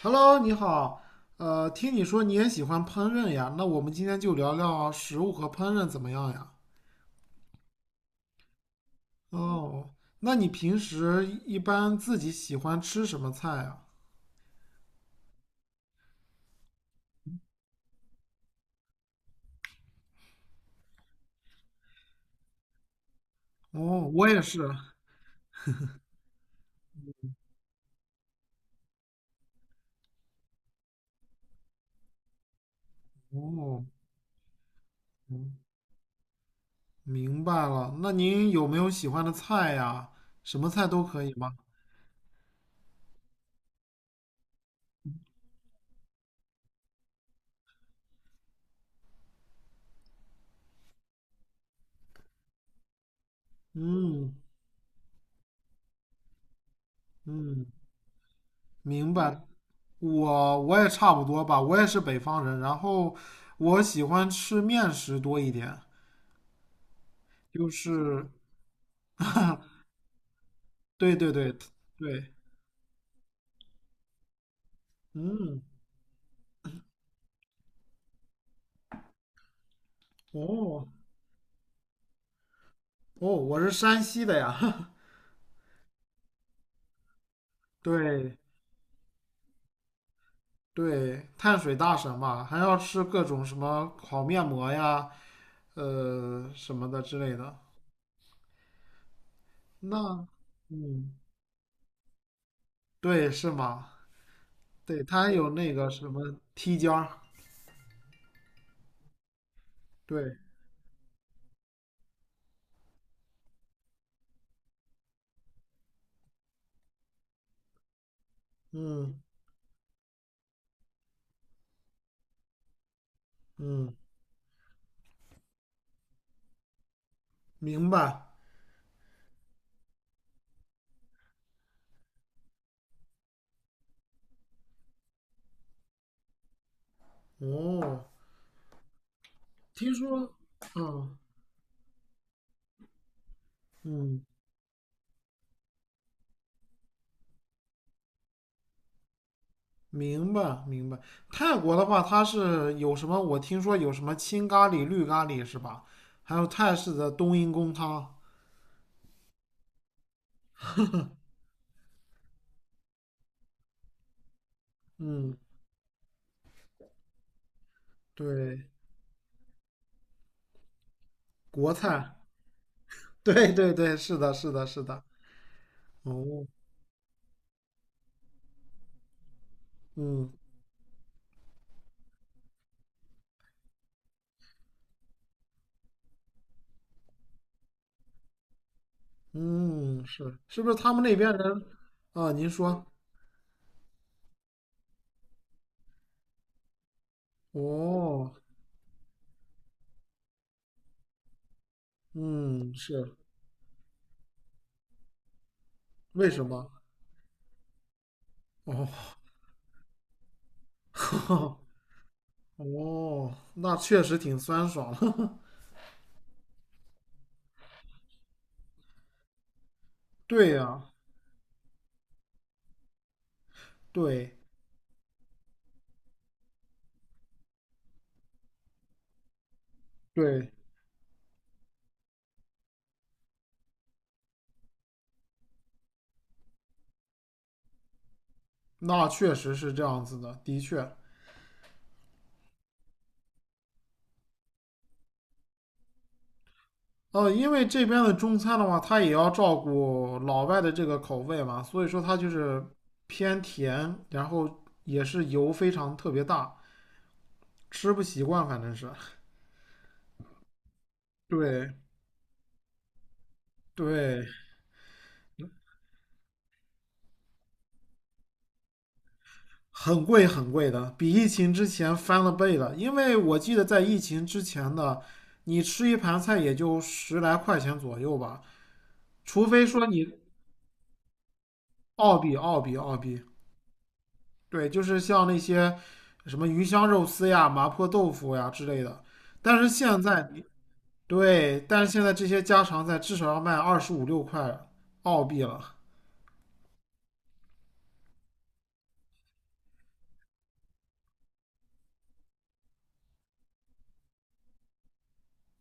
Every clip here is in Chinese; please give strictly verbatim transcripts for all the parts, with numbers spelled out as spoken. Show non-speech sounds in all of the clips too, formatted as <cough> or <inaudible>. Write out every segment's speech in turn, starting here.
Hello，你好。呃，听你说你也喜欢烹饪呀，那我们今天就聊聊食物和烹饪怎么样呀？哦，那你平时一般自己喜欢吃什么菜呀？哦，我也是。哦，嗯明白了。那您有没有喜欢的菜呀？什么菜都可以吗？嗯嗯，明白。我我也差不多吧，我也是北方人，然后我喜欢吃面食多一点，就是。<laughs> 对对对对，嗯，哦哦，我是山西的呀，<laughs> 对对，碳水大神嘛，还要吃各种什么烤面膜呀，呃什么的之类的。那，嗯，对，是吗？对，它还有那个什么梯间儿，对，嗯嗯，明白。哦，听说，嗯。嗯，明白明白。泰国的话，它是有什么？我听说有什么青咖喱、绿咖喱是吧？还有泰式的冬阴功汤。嗯，对，国菜。对对对，是的，是的，是的。哦，嗯嗯，是是不是他们那边人啊？您说哦，嗯，是为什么？哦 <laughs> 哦，那确实挺酸爽的。<laughs> 对呀，对对。那确实是这样子的，的确。呃，因为这边的中餐的话，它也要照顾老外的这个口味嘛，所以说它就是偏甜，然后也是油非常特别大，吃不习惯，反正是。对对，很贵很贵的，比疫情之前翻了倍了。因为我记得在疫情之前的，你吃一盘菜也就十来块钱左右吧，除非说你澳币，澳币，澳币。对，就是像那些什么鱼香肉丝呀、麻婆豆腐呀之类的。但是现在你，对，但是现在这些家常菜至少要卖二十五六块澳币了。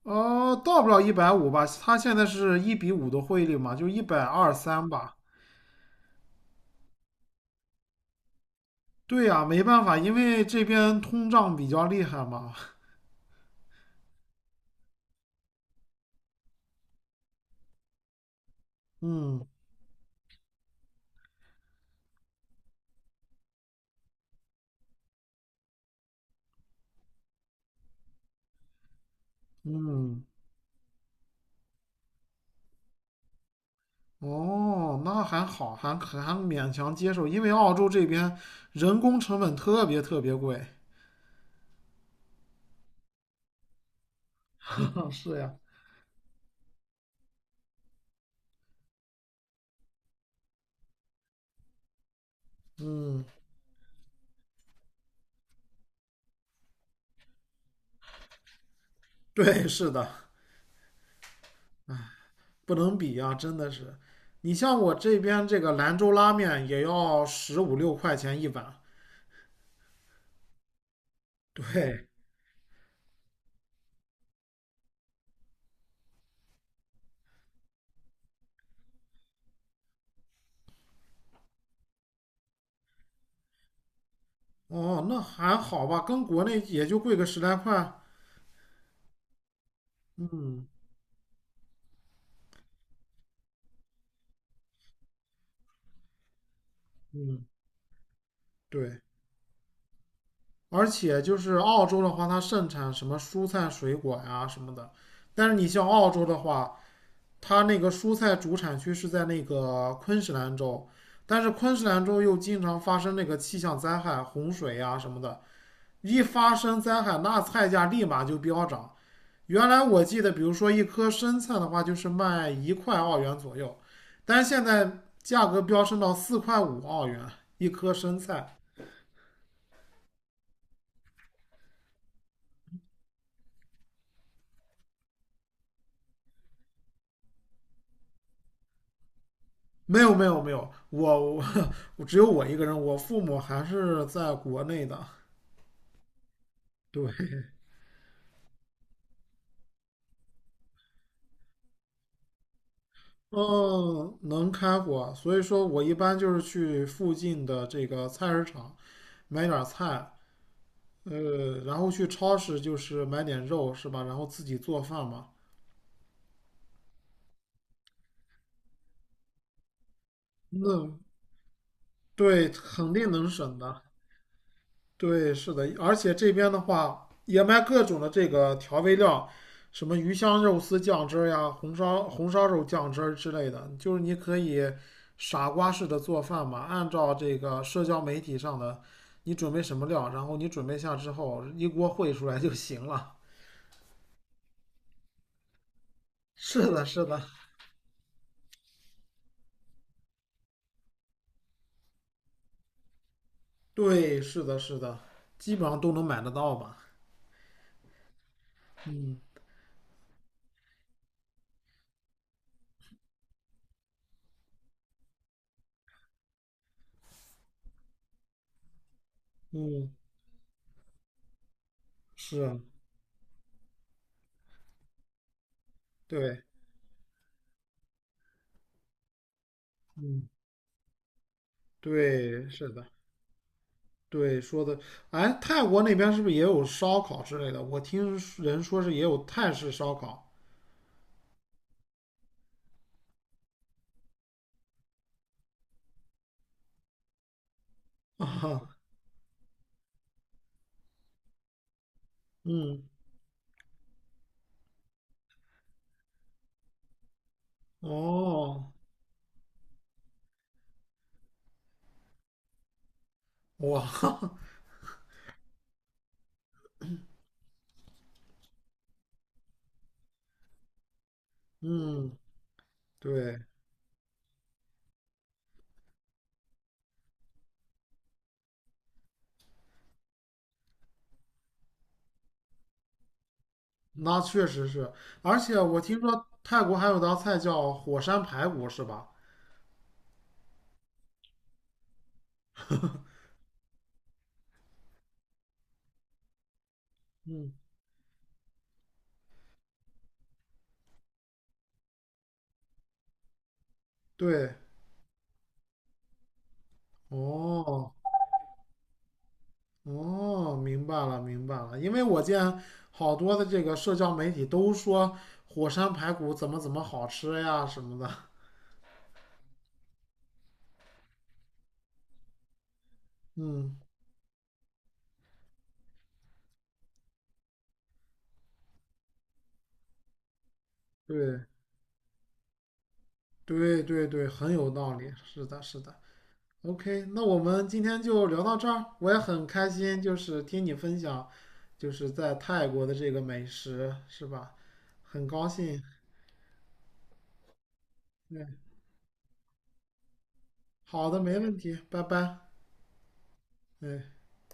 哦，到不了一百五吧，它现在是一比五的汇率嘛，就一百二三吧。对呀，没办法，因为这边通胀比较厉害嘛。嗯嗯，哦，那还好，还还勉强接受，因为澳洲这边人工成本特别特别贵。<laughs> 是呀。嗯，对，是的，不能比呀，真的是。你像我这边这个兰州拉面也要十五六块钱一碗，对，哦，那还好吧，跟国内也就贵个十来块。嗯嗯，对，而且就是澳洲的话，它盛产什么蔬菜、水果呀什么的，但是你像澳洲的话，它那个蔬菜主产区是在那个昆士兰州，但是昆士兰州又经常发生那个气象灾害、洪水呀什么的，一发生灾害，那菜价立马就飙涨。原来我记得，比如说一颗生菜的话，就是卖一块澳元左右，但是现在价格飙升到四块五澳元一颗生菜。没有没有没有，我我我只有我一个人，我父母还是在国内的。对，嗯，能开火，所以说我一般就是去附近的这个菜市场买点儿菜，呃，然后去超市就是买点肉是吧？然后自己做饭嘛。那对，肯定能省的。对，是的，而且这边的话也卖各种的这个调味料，什么鱼香肉丝酱汁儿呀、红烧红烧肉酱汁儿之类的，就是你可以傻瓜式的做饭嘛，按照这个社交媒体上的，你准备什么料，然后你准备下之后一锅烩出来就行了。<laughs> 是的，是的，对，是的，是的，基本上都能买得到吧。嗯嗯，是啊，对，嗯对，是的，对，说的，哎，泰国那边是不是也有烧烤之类的？我听人说是也有泰式烧烤啊，嗯，哦，哇，<laughs> 嗯，对，那确实是，而且我听说泰国还有道菜叫火山排骨，是吧？嗯，对，哦。哦，明白了，明白了。因为我见好多的这个社交媒体都说火山排骨怎么怎么好吃呀什么的。嗯，对，对对对，很有道理。是的，是的。OK，那我们今天就聊到这儿。我也很开心，就是听你分享，就是在泰国的这个美食，是吧？很高兴。对，好的，没问题，拜拜。嗯。